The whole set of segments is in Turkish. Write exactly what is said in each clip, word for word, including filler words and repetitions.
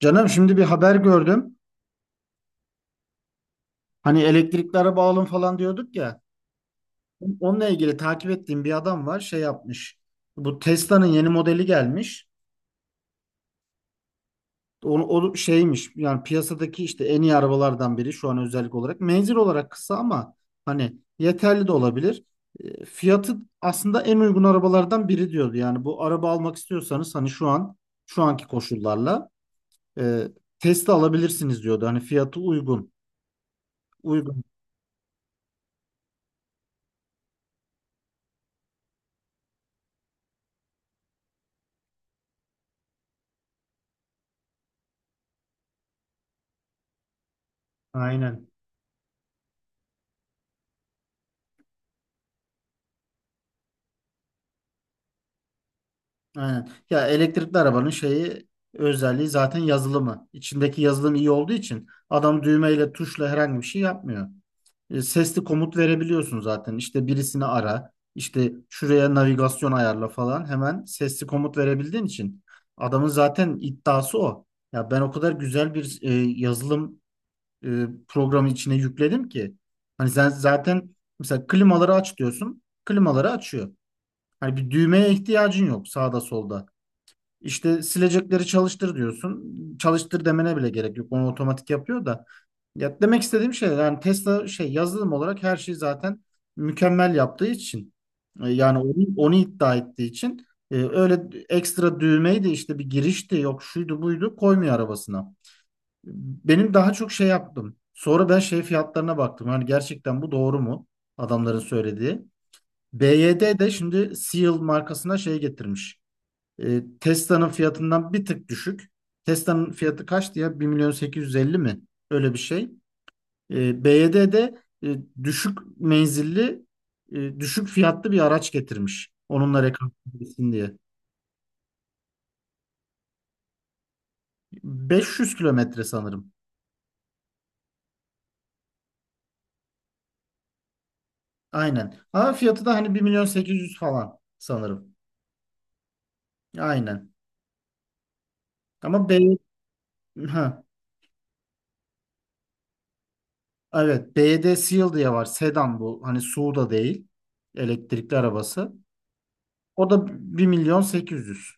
Canım şimdi bir haber gördüm. Hani elektrikli araba alın falan diyorduk ya. Onunla ilgili takip ettiğim bir adam var şey yapmış. Bu Tesla'nın yeni modeli gelmiş. Onu, o şeymiş yani piyasadaki işte en iyi arabalardan biri şu an özellik olarak. Menzil olarak kısa ama hani yeterli de olabilir. E, Fiyatı aslında en uygun arabalardan biri diyordu. Yani bu araba almak istiyorsanız hani şu an şu anki koşullarla e, Tesla alabilirsiniz diyordu. Hani fiyatı uygun. Uygun. Aynen. Aynen. Ya elektrikli arabanın şeyi özelliği zaten yazılımı. İçindeki yazılım iyi olduğu için adam düğmeyle tuşla herhangi bir şey yapmıyor. E, sesli komut verebiliyorsun zaten. İşte birisini ara, işte şuraya navigasyon ayarla falan hemen sesli komut verebildiğin için adamın zaten iddiası o. Ya ben o kadar güzel bir e, yazılım e, programı içine yükledim ki hani sen zaten mesela klimaları aç diyorsun, klimaları açıyor. Hani bir düğmeye ihtiyacın yok sağda solda. İşte silecekleri çalıştır diyorsun. Çalıştır demene bile gerek yok. Onu otomatik yapıyor da. Ya demek istediğim şey yani Tesla şey yazılım olarak her şeyi zaten mükemmel yaptığı için e, yani onu, onu iddia ettiği için e, öyle ekstra düğmeyi de işte bir girişti yok şuydu buydu koymuyor arabasına. Benim daha çok şey yaptım. Sonra ben şey fiyatlarına baktım. Hani gerçekten bu doğru mu? Adamların söylediği. B Y D de şimdi Seal markasına şey getirmiş. E, Tesla'nın fiyatından bir tık düşük. Tesla'nın fiyatı kaçtı ya? Bir milyon sekiz yüz elli mi? Öyle bir şey. E, B Y D de e, düşük menzilli, e, düşük fiyatlı bir araç getirmiş. Onunla rekabetleşsin diye. Beş yüz kilometre sanırım. Aynen. Ama fiyatı da hani bir milyon sekiz yüz falan sanırım. Aynen. Ama B ha, evet, B Y D Seal diye var. Sedan bu. Hani S U V da değil. Elektrikli arabası. O da bir milyon sekiz yüz.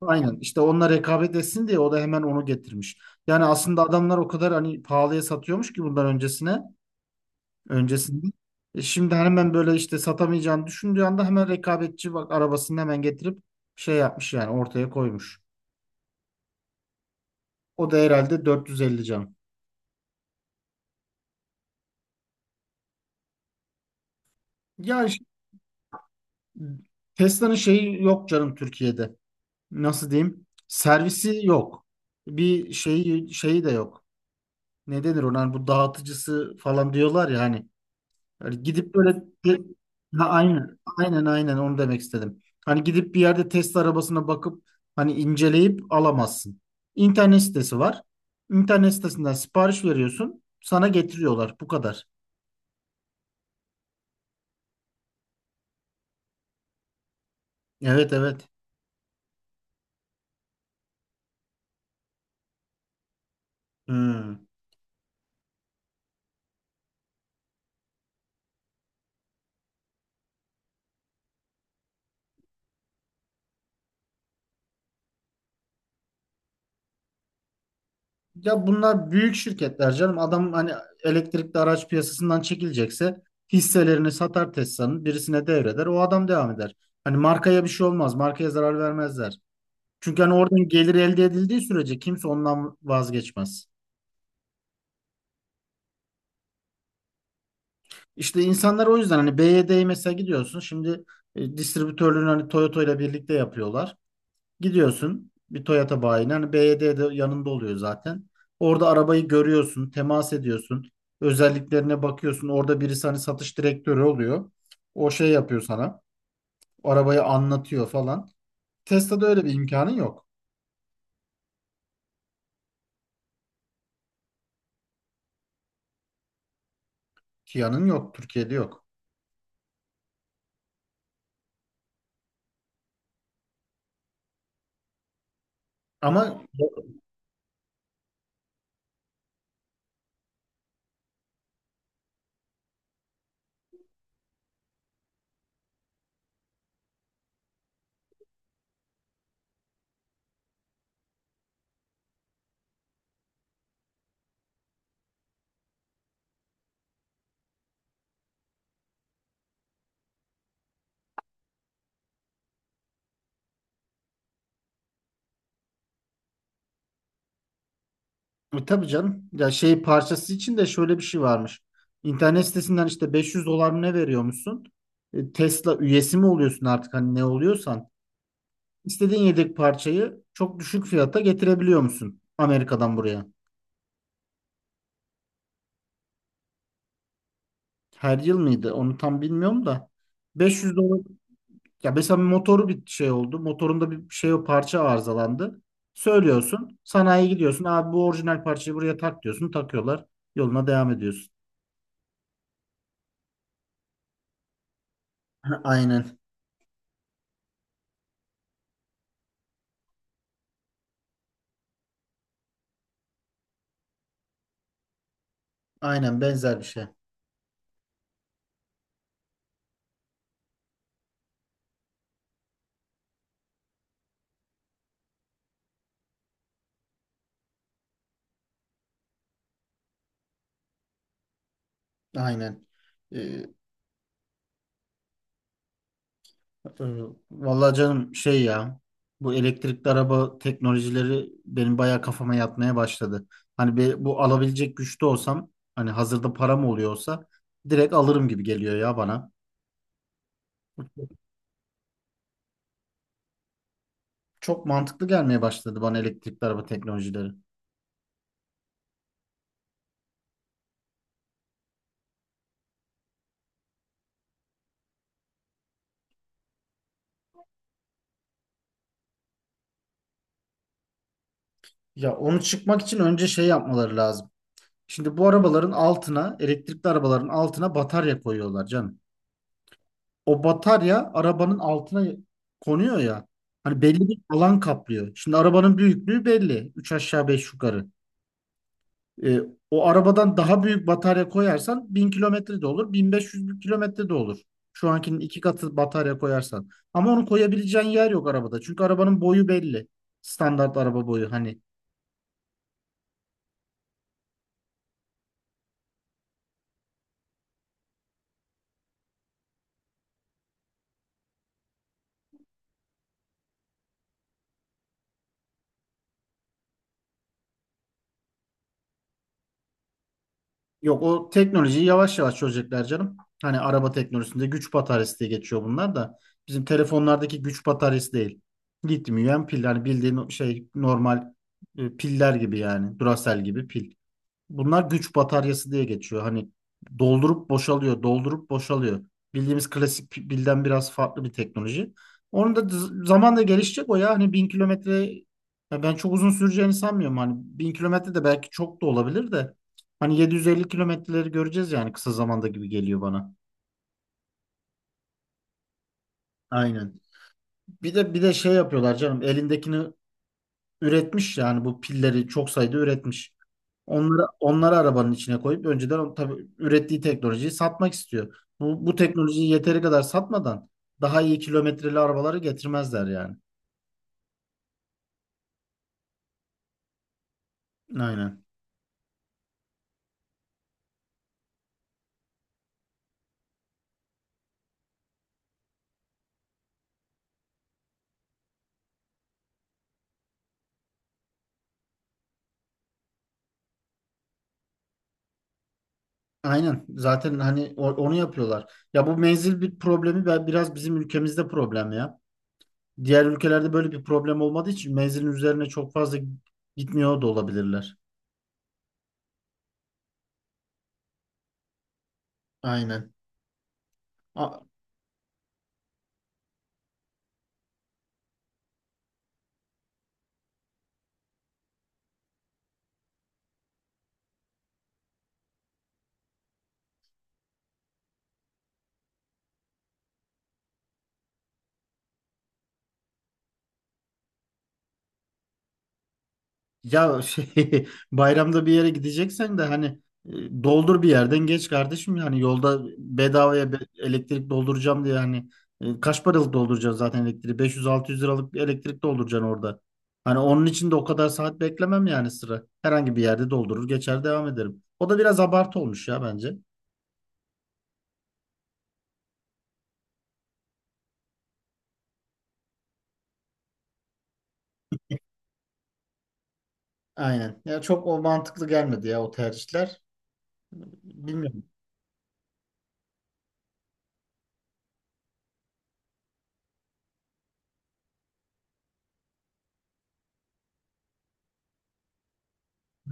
Aynen işte onunla rekabet etsin diye o da hemen onu getirmiş. Yani aslında adamlar o kadar hani pahalıya satıyormuş ki bundan öncesine öncesinde. E şimdi hemen böyle işte satamayacağını düşündüğü anda hemen rekabetçi bak arabasını hemen getirip şey yapmış yani ortaya koymuş. O da herhalde dört yüz elli can. Ya işte Tesla'nın şeyi yok canım Türkiye'de. Nasıl diyeyim? Servisi yok. Bir şeyi şeyi de yok. Ne denir ona? Hani bu dağıtıcısı falan diyorlar ya hani. Yani gidip böyle te- Ha, aynen, aynen, aynen onu demek istedim. Hani gidip bir yerde test arabasına bakıp hani inceleyip alamazsın. İnternet sitesi var. İnternet sitesinden sipariş veriyorsun. Sana getiriyorlar. Bu kadar. Evet, evet. Hmm. Ya bunlar büyük şirketler canım. Adam hani elektrikli araç piyasasından çekilecekse hisselerini satar Tesla'nın birisine devreder. O adam devam eder. Hani markaya bir şey olmaz. Markaya zarar vermezler. Çünkü hani oradan gelir elde edildiği sürece kimse ondan vazgeçmez. İşte insanlar o yüzden hani B Y D'ye mesela gidiyorsun. Şimdi e, distribütörlüğünü hani Toyota ile birlikte yapıyorlar. Gidiyorsun bir Toyota bayine hani B Y D de yanında oluyor zaten. Orada arabayı görüyorsun, temas ediyorsun. Özelliklerine bakıyorsun. Orada birisi hani satış direktörü oluyor. O şey yapıyor sana. Arabayı anlatıyor falan. Tesla'da öyle bir imkanın yok. Kia'nın yok. Türkiye'de yok. Ama, E, tabii canım. Ya şey parçası için de şöyle bir şey varmış. İnternet sitesinden işte beş yüz dolar mı ne veriyormuşsun? E, Tesla üyesi mi oluyorsun artık hani ne oluyorsan? İstediğin yedek parçayı çok düşük fiyata getirebiliyor musun Amerika'dan buraya? Her yıl mıydı? Onu tam bilmiyorum da. beş yüz dolar. Ya mesela bir motoru bir şey oldu. Motorunda bir şey o parça arızalandı. Söylüyorsun. Sanayiye gidiyorsun. Abi bu orijinal parçayı buraya tak diyorsun. Takıyorlar. Yoluna devam ediyorsun. Ha, aynen. Aynen benzer bir şey. Aynen. Ee, e, Vallahi canım şey ya bu elektrikli araba teknolojileri benim bayağı kafama yatmaya başladı. Hani be- bu alabilecek güçte olsam hani hazırda param oluyorsa direkt alırım gibi geliyor ya bana. Çok mantıklı gelmeye başladı bana elektrikli araba teknolojileri. Ya onu çıkmak için önce şey yapmaları lazım. Şimdi bu arabaların altına elektrikli arabaların altına batarya koyuyorlar canım. O batarya arabanın altına konuyor ya. Hani belli bir alan kaplıyor. Şimdi arabanın büyüklüğü belli. Üç aşağı beş yukarı. E, O arabadan daha büyük batarya koyarsan bin kilometre de olur. bin beş yüz kilometre de olur. Şu ankinin iki katı batarya koyarsan. Ama onu koyabileceğin yer yok arabada. Çünkü arabanın boyu belli. Standart araba boyu. Hani. Yok, o teknolojiyi yavaş yavaş çözecekler canım. Hani araba teknolojisinde güç bataryası diye geçiyor bunlar da. Bizim telefonlardaki güç bataryası değil. Lityum iyon pil. Hani bildiğin şey normal e, piller gibi yani. Duracell gibi pil. Bunlar güç bataryası diye geçiyor. Hani doldurup boşalıyor, doldurup boşalıyor. Bildiğimiz klasik pilden biraz farklı bir teknoloji. Onun da z- zamanla gelişecek o ya. Hani bin kilometre ya ben çok uzun süreceğini sanmıyorum. Hani bin kilometre de belki çok da olabilir de. Hani yedi yüz elli kilometreleri göreceğiz yani kısa zamanda gibi geliyor bana. Aynen. Bir de bir de şey yapıyorlar canım. Elindekini üretmiş yani bu pilleri çok sayıda üretmiş. Onları, onları arabanın içine koyup önceden o- tabii ürettiği teknolojiyi satmak istiyor. Bu, bu teknolojiyi yeteri kadar satmadan daha iyi kilometreli arabaları getirmezler yani. Aynen. Aynen. Zaten hani o- onu yapıyorlar. Ya bu menzil bir problemi ve biraz bizim ülkemizde problem ya. Diğer ülkelerde böyle bir problem olmadığı için menzilin üzerine çok fazla gitmiyor da olabilirler. Aynen. A- Ya şey, bayramda bir yere gideceksen de hani e, doldur bir yerden geç kardeşim yani yolda bedavaya be- elektrik dolduracağım diye hani e, kaç paralık dolduracaksın zaten elektriği beş yüz altı yüz liralık bir elektrik dolduracaksın orada. Hani onun için de o kadar saat beklemem yani sıra. Herhangi bir yerde doldurur geçer devam ederim. O da biraz abartı olmuş ya bence. Aynen. Ya çok o mantıklı gelmedi ya o tercihler. Bilmiyorum.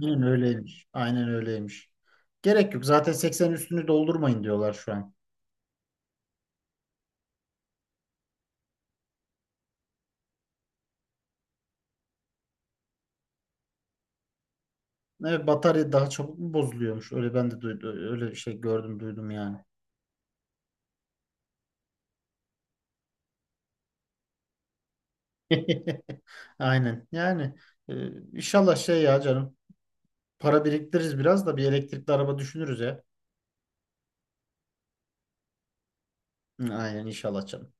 Aynen öyleymiş. Aynen öyleymiş. Gerek yok. Zaten seksen üstünü doldurmayın diyorlar şu an. Evet, batarya daha çabuk mu bozuluyormuş? Öyle ben de duydum, öyle bir şey gördüm duydum yani. Aynen. Yani e, inşallah şey ya canım. Para biriktiririz biraz da bir elektrikli araba düşünürüz ya. Hı, aynen inşallah canım.